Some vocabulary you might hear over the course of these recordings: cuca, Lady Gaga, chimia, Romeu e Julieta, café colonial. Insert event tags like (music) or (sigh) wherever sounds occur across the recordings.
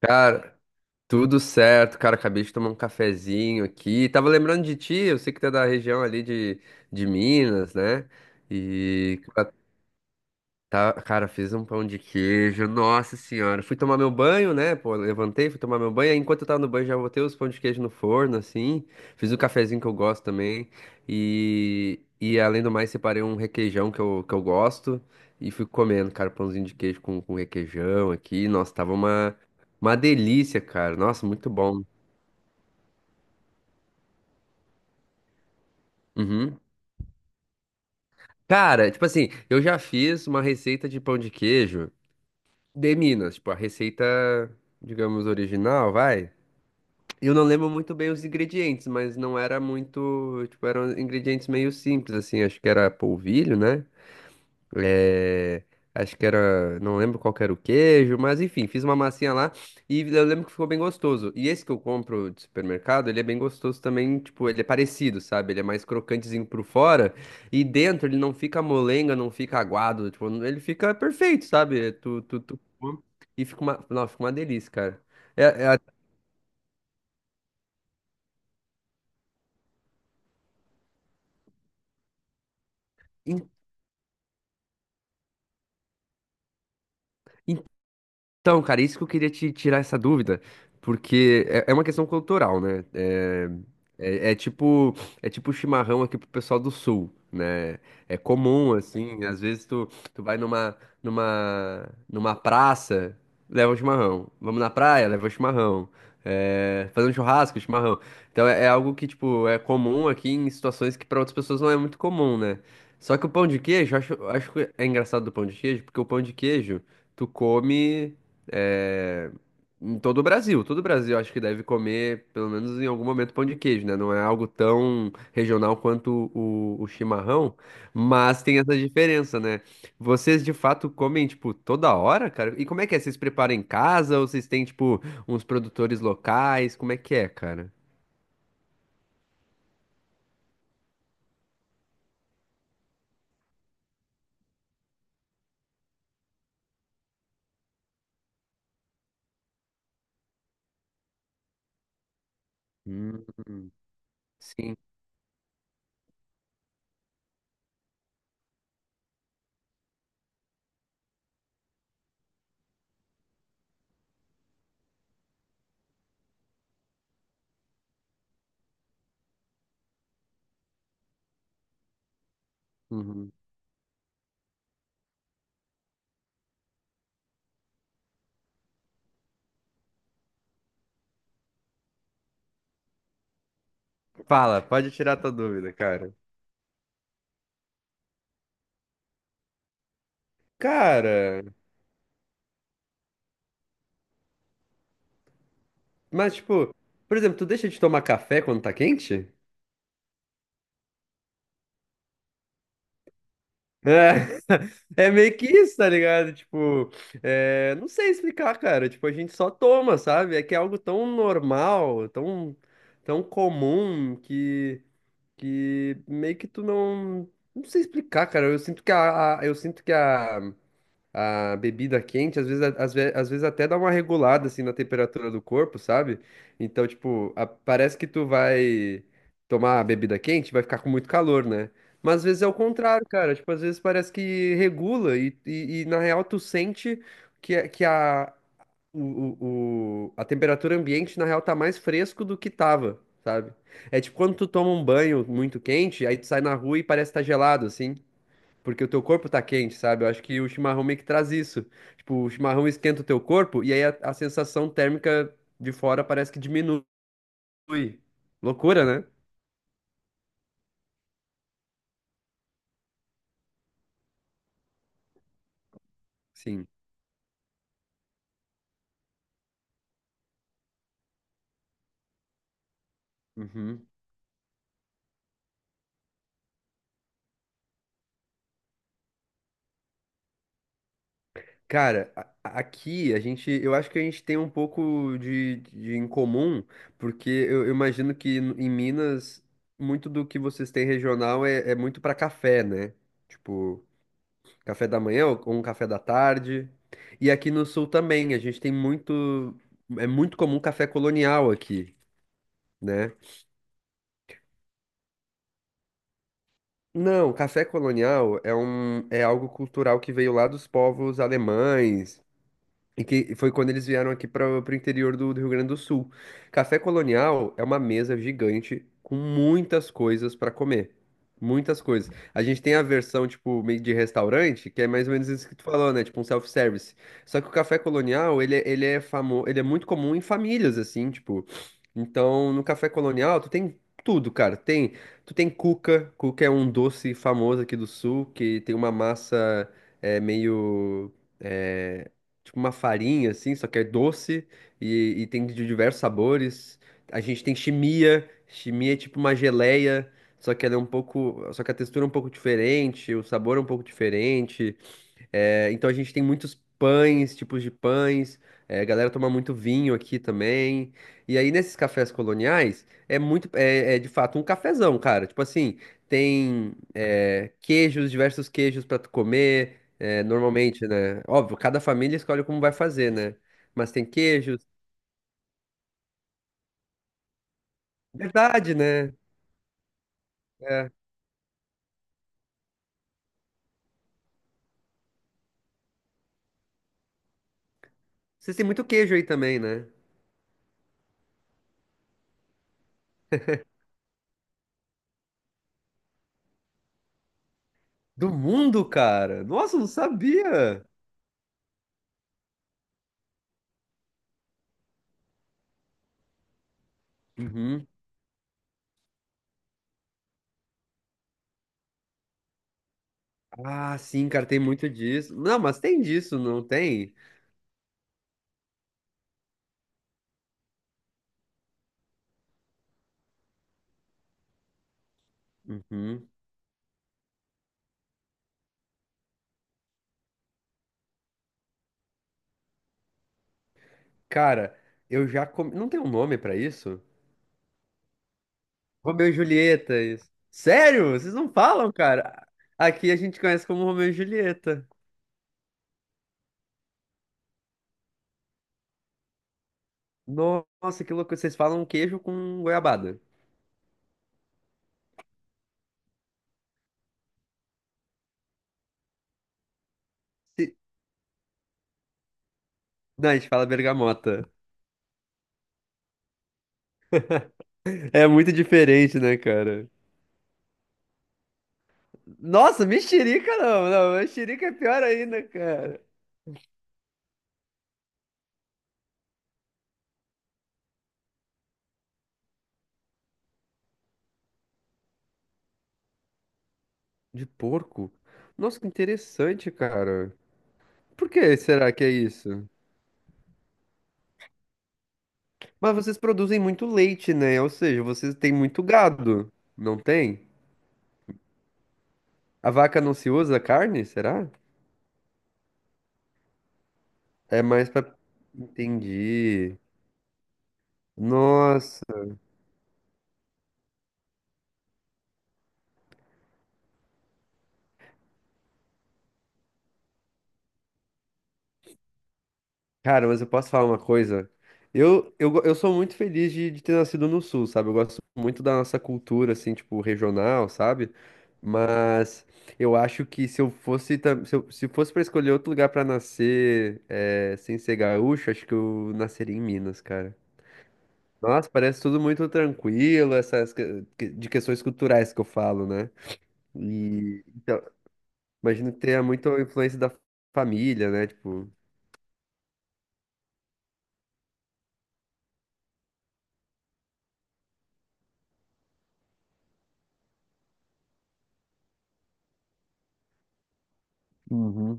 Cara, tudo certo, cara. Acabei de tomar um cafezinho aqui. Tava lembrando de ti, eu sei que tu é da região ali de Minas, né? E tá, cara, fiz um pão de queijo. Nossa senhora. Fui tomar meu banho, né? Pô, levantei, fui tomar meu banho. Aí Enquanto eu tava no banho, já botei os pão de queijo no forno, assim. Fiz o cafezinho que eu gosto também. E além do mais, separei um requeijão que eu gosto. E fui comendo, cara, pãozinho de queijo com requeijão aqui. Nossa, uma delícia, cara. Nossa, muito bom. Uhum. Cara, tipo assim, eu já fiz uma receita de pão de queijo de Minas. Tipo, a receita, digamos, original, vai. Eu não lembro muito bem os ingredientes, mas não era muito, tipo, eram ingredientes meio simples, assim, acho que era polvilho, né? É, acho que era, não lembro qual que era o queijo, mas enfim, fiz uma massinha lá e eu lembro que ficou bem gostoso. E esse que eu compro de supermercado, ele é bem gostoso também, tipo, ele é parecido, sabe? Ele é mais crocantezinho por fora e dentro ele não fica molenga, não fica aguado, tipo, ele fica perfeito, sabe? Tu come e fica uma, não, fica uma delícia, cara. É, é, Então, cara, isso que eu queria te tirar essa dúvida, porque é uma questão cultural, né? É- é tipo É tipo chimarrão aqui pro pessoal do sul, né? É comum, assim, tu vai numa praça, leva um chimarrão. Vamos na praia, leva um chimarrão. É, fazer um churrasco, chimarrão. Então é algo que, tipo, é comum aqui em situações que para outras pessoas não é muito comum, né? Só que o pão de queijo, eu acho que é engraçado do pão de queijo, porque o pão de queijo, tu come é, em todo o Brasil. Todo o Brasil acho que deve comer, pelo menos em algum momento, pão de queijo, né? Não é algo tão regional quanto o chimarrão, mas tem essa diferença, né? Vocês de fato comem, tipo, toda hora, cara? E como é que é? Vocês preparam em casa ou vocês têm, tipo, uns produtores locais? Como é que é, cara? Hum, sim. Uhum. Fala, pode tirar tua dúvida, cara. Cara, mas tipo, por exemplo, tu deixa de tomar café quando tá quente? É, (laughs) é meio que isso, tá ligado? Tipo, é, não sei explicar, cara. Tipo, a gente só toma, sabe? É que é algo tão normal, tão, tão comum que meio que tu não. Não sei explicar, cara. Eu sinto que a bebida quente, às vezes, a- às ve- às vezes até dá uma regulada assim na temperatura do corpo, sabe? Então, tipo, a- parece que tu vai tomar a bebida quente, vai ficar com muito calor, né? Mas às vezes é o contrário, cara. Tipo, às vezes parece que regula na real tu sente que o, o- a temperatura ambiente, na real, tá mais fresco do que tava, sabe? É tipo quando tu toma um banho muito quente, aí tu sai na rua e parece que tá gelado, assim. Porque o teu corpo tá quente, sabe? Eu acho que o chimarrão meio que traz isso. Tipo, o chimarrão esquenta o teu corpo e aí a sensação térmica de fora parece que diminui. Loucura, né? Sim. Uhum. Cara, aqui a gente, eu acho que a gente tem um pouco de em comum, porque eu imagino que n- em Minas, muito do que vocês têm regional é muito pra café, né? Tipo. Café da manhã ou um café da tarde. E aqui no sul também, a gente tem muito. É muito comum café colonial aqui, né? Não, café colonial é um, é algo cultural que veio lá dos povos alemães, e que foi quando eles vieram aqui para o interior do Rio Grande do Sul. Café colonial é uma mesa gigante com muitas coisas para comer. Muitas coisas. A gente tem a versão, tipo, meio de restaurante, que é mais ou menos isso que tu falou, né? Tipo um self-service. Só que o café colonial, ele é famo... ele é muito comum em famílias, assim, tipo. Então, no café colonial, tu tem tudo, cara. Tem, tu tem cuca. Cuca é um doce famoso aqui do sul, que tem uma massa é, meio. é, tipo uma farinha, assim, só que é doce e tem de diversos sabores. A gente tem chimia, chimia é tipo uma geleia, só que a textura é um pouco diferente, o sabor é um pouco diferente. É, então a gente tem muitos pães, tipos de pães. É, a galera toma muito vinho aqui também. E aí nesses cafés coloniais é muito, é, é de fato um cafezão, cara. Tipo assim, tem é, queijos, diversos queijos pra tu comer. É, normalmente, né? Óbvio, cada família escolhe como vai fazer, né? Mas tem queijos. Verdade, né? É. Vocês têm muito queijo aí também, né? Do mundo, cara. Nossa, eu não sabia. Uhum. Ah, sim, cara, tem muito disso. Não, mas tem disso, não tem? Uhum. Cara, eu já comi. Não tem um nome pra isso? Romeu e Julieta. Isso. Sério? Vocês não falam, cara? Aqui a gente conhece como Romeu e Julieta. Nossa, que louco. Vocês falam queijo com goiabada. Se- não, a gente fala bergamota. É muito diferente, né, cara? Nossa, mexerica não, não. Mexerica é pior ainda, cara. De porco? Nossa, que interessante, cara. Por que será que é isso? Mas vocês produzem muito leite, né? Ou seja, vocês têm muito gado, não tem? A vaca não se usa carne, será? É mais pra. Entendi. Nossa. Cara, mas eu posso falar uma coisa? Eu sou muito feliz de ter nascido no Sul, sabe? Eu gosto muito da nossa cultura, assim, tipo, regional, sabe? Mas eu acho que se eu fosse, tam- se eu- se fosse pra escolher outro lugar pra nascer, sem ser gaúcho, acho que eu nasceria em Minas, cara. Nossa, parece tudo muito tranquilo, essas de questões culturais que eu falo, né? E então, imagino que tenha muita influência da família, né? Tipo, Uhum.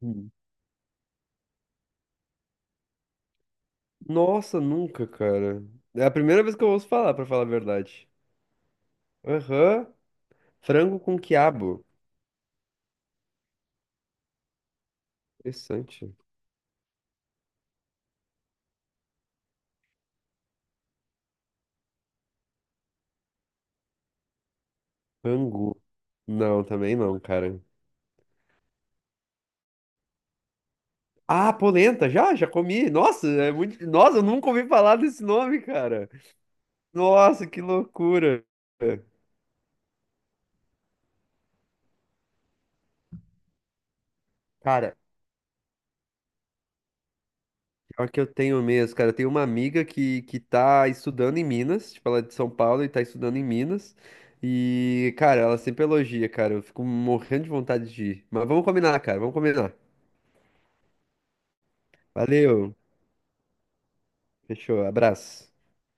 Uhum. Nossa, nunca, cara. É a primeira vez que eu ouço falar, pra falar a verdade. Aham. Frango com quiabo. Interessante. Angu. Não, também não, cara. Ah, polenta, já, já comi. Nossa, é muito. Nossa, eu nunca ouvi falar desse nome, cara. Nossa, que loucura. Cara, pior que eu tenho mesmo, cara. Eu tenho uma amiga que tá estudando em Minas, tipo, ela é de São Paulo e tá estudando em Minas. E, cara, ela sempre elogia, cara. Eu fico morrendo de vontade de ir. Mas vamos combinar, cara, vamos combinar. Valeu, fechou, abraço.